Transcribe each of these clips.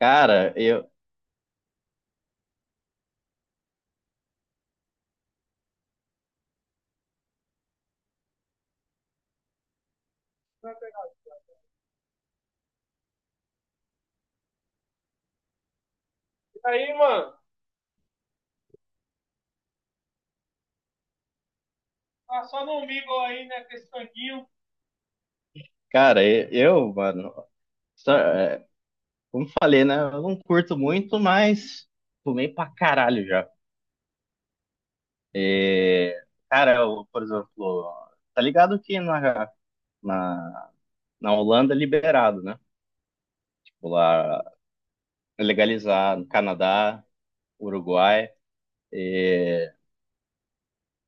Cara, eu, cara, eu, mano, só- é, como falei, né? Eu não curto muito, mas fumei pra caralho já. É, Cara, eu, por exemplo, tá ligado que na, na Holanda é liberado, né? Tipo, lá é legalizado, Canadá, Uruguai.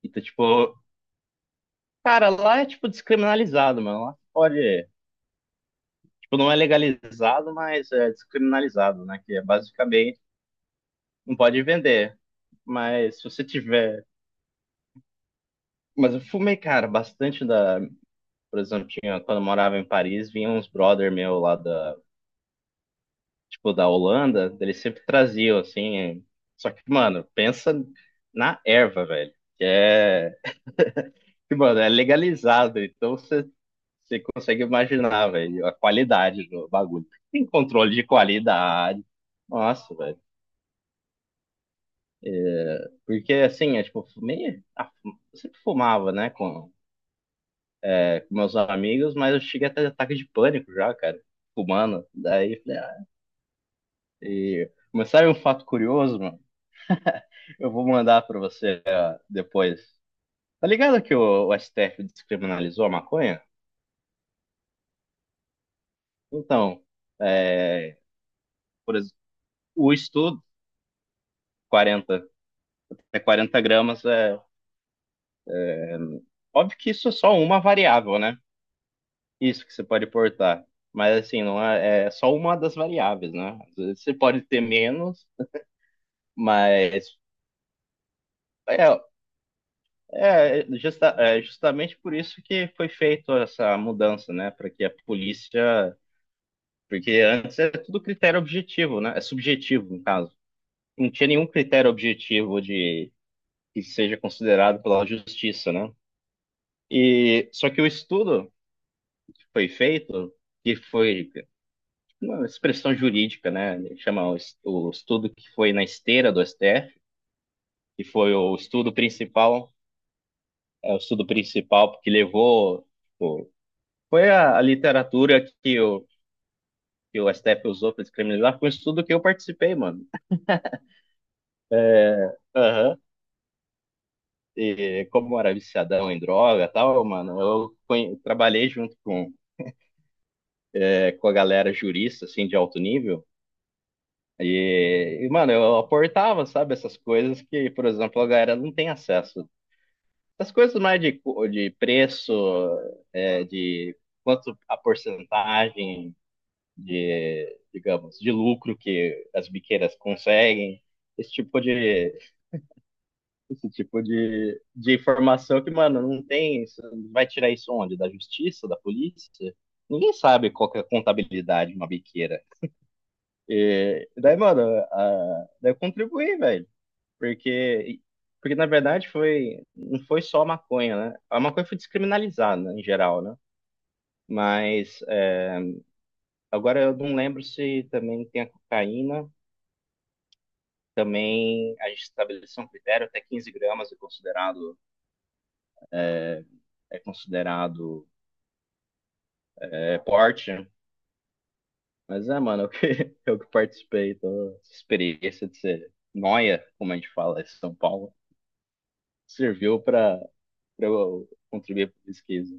Então, tipo, cara, lá é tipo descriminalizado, mano. Lá pode, tipo, não é legalizado, mas é descriminalizado, né? Que é basicamente não pode vender. Mas se você tiver. Mas eu fumei, cara, bastante da. Por exemplo, tinha, quando eu morava em Paris, vinha uns brother meu lá da, tipo, da Holanda, eles sempre traziam, assim. Só que, mano, pensa na erva, velho. Que é. Que, mano, é legalizado, então você consegue imaginar, velho, a qualidade do bagulho. Tem controle de qualidade. Nossa, velho. Porque, assim, é tipo, fumei. Ah, eu sempre fumava, né? Com meus amigos, mas eu cheguei até de ataque de pânico já, cara. Humano. Daí, falei, e... Mas sabe um fato curioso, mano? Eu vou mandar pra você depois. Tá ligado que o STF descriminalizou a maconha? Então, é, por exemplo, o estudo, 40, é 40 gramas, é óbvio que isso é só uma variável, né? Isso que você pode portar. Mas assim, não é, é só uma das variáveis, né? Às vezes você pode ter menos, mas é, justamente por isso que foi feita essa mudança, né? Para que a polícia. Porque antes era tudo critério objetivo, né? É subjetivo, no caso. Não tinha nenhum critério objetivo de que seja considerado pela justiça, né? E só que o estudo que foi feito, que foi uma expressão jurídica, né? Ele chama o estudo que foi na esteira do STF, que foi o estudo principal, é o estudo principal que levou. Foi a literatura que o STF usou para descriminalizar, foi um estudo que eu participei, mano. Aham. E como eu era viciadão em droga e tal, mano, trabalhei junto com, com a galera jurista, assim, de alto nível. Mano, eu aportava, sabe, essas coisas que, por exemplo, a galera não tem acesso. Essas coisas mais de preço, de quanto a porcentagem, digamos, de lucro que as biqueiras conseguem, esse tipo de, esse tipo de informação que, mano, não tem. Você Vai tirar isso onde? Da justiça, da polícia? Ninguém sabe qual que é a contabilidade de uma biqueira. Daí, mano, daí eu contribuí, velho. Porque, porque, na verdade, foi, não foi só a maconha, né? A maconha foi descriminalizada, né, em geral, né? Mas é, agora eu não lembro se também tem a cocaína. Também a gente estabeleceu um critério, até 15 gramas é considerado porte, né? Mas é, mano, eu que, eu que participei, então, essa experiência de ser noia, como a gente fala em São Paulo, serviu pra, pra eu contribuir pra pesquisa.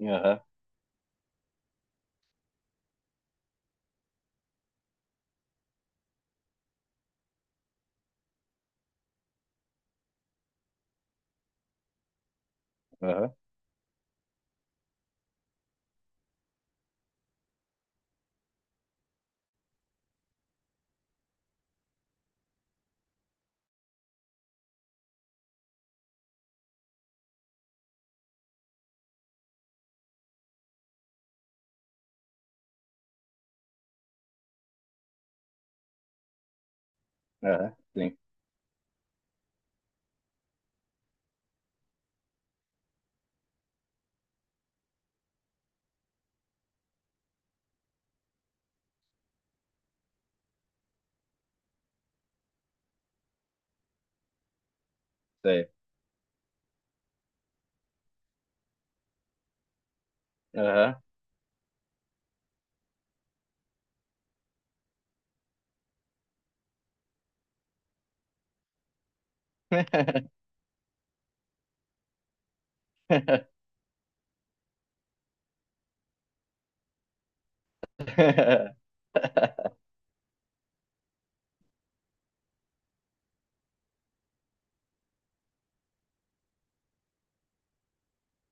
Aham, aham, aham, sim, sei. Aham.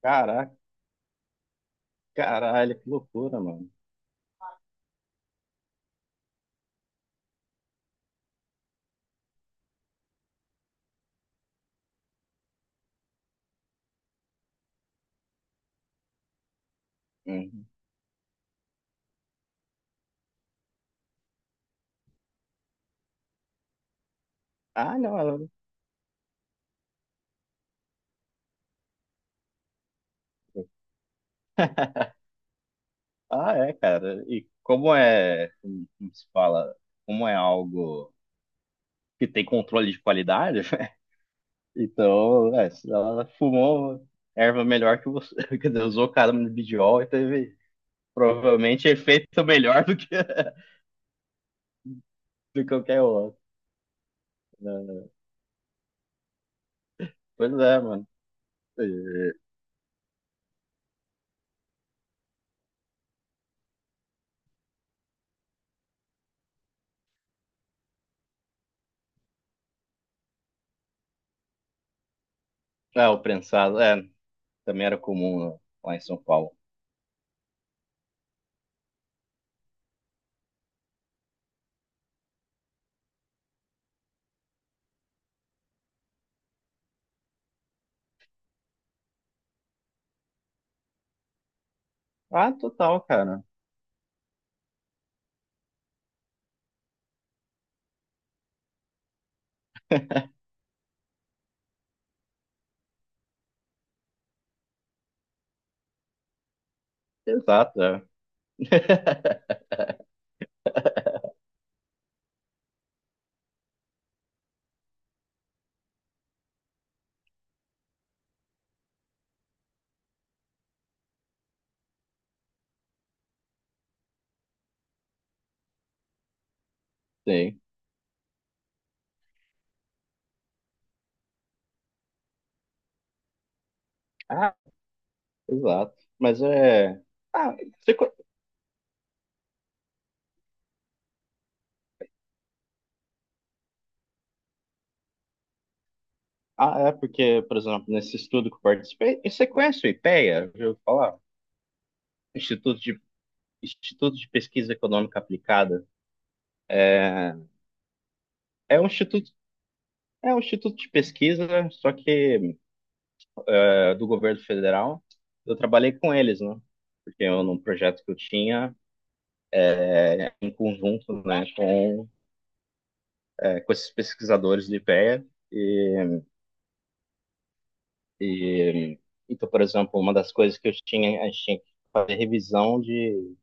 Caraca, caralho, que loucura, mano. Uhum. Ah, não, ah, é, cara. E como é, como se fala, como é algo que tem controle de qualidade. Então, é, se ela fumou erva melhor que você, quer dizer, usou caramba de bidiol e teve provavelmente efeito melhor do que, do que qualquer outro, né? Pois é, mano. E- É, o prensado, é, também era comum lá em São Paulo. Ah, total, cara. Exato, é. Sim. Ah, exato. Mas é. Ah, você... co- ah, é porque, por exemplo, nesse estudo que eu participei, e você conhece o IPEA? Já ouviu falar? Instituto de Instituto de Pesquisa Econômica Aplicada. É, é um instituto, é um instituto de pesquisa, né? Só que é, do governo federal. Eu trabalhei com eles, né? Porque eu, num projeto que eu tinha, em conjunto, né, com, é, com esses pesquisadores do IPEA. E, A. e, e, então, por exemplo, uma das coisas que eu tinha, a gente tinha que fazer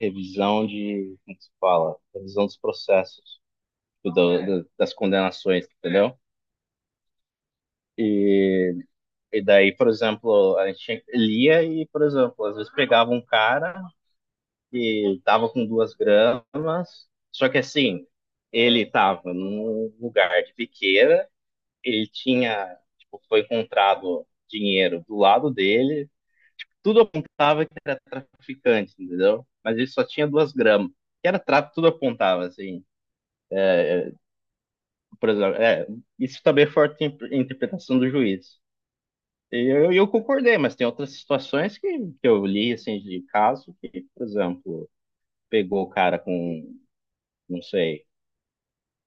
revisão de, como se fala? Revisão dos processos, das condenações, entendeu? E. E daí, por exemplo, a gente lia e, por exemplo, às vezes pegava um cara que tava com duas gramas, só que assim, ele tava num lugar de biqueira, ele tinha, tipo, foi encontrado dinheiro do lado dele, tudo apontava que era traficante, entendeu? Mas ele só tinha duas gramas, que era tráfico, tudo apontava, assim. Por exemplo, é, isso também é forte interpretação do juiz. Eu concordei, mas tem outras situações que eu li, assim, de caso que, por exemplo, pegou o cara com, não sei,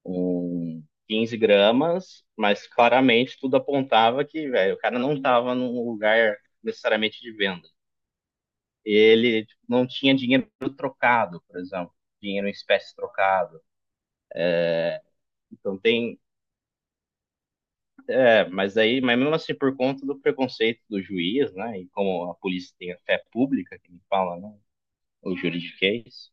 um 15 gramas, mas claramente tudo apontava que, velho, o cara não estava num lugar necessariamente de venda. Ele tipo, não tinha dinheiro trocado, por exemplo, dinheiro em espécie trocado. Então tem, é, mas aí, mas mesmo assim, por conta do preconceito do juiz, né, e como a polícia tem a fé pública, que me fala, né, o juridiquês.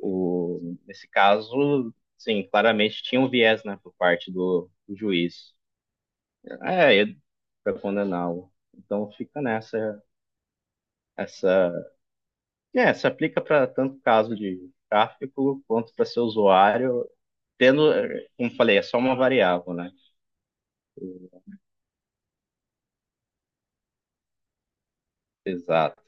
O, nesse caso, sim, claramente tinha um viés, né, por parte do juiz. É para condená-lo. Então fica nessa essa é, se aplica para tanto caso de tráfico quanto para seu usuário, tendo, como falei, é só uma variável, né? Exato.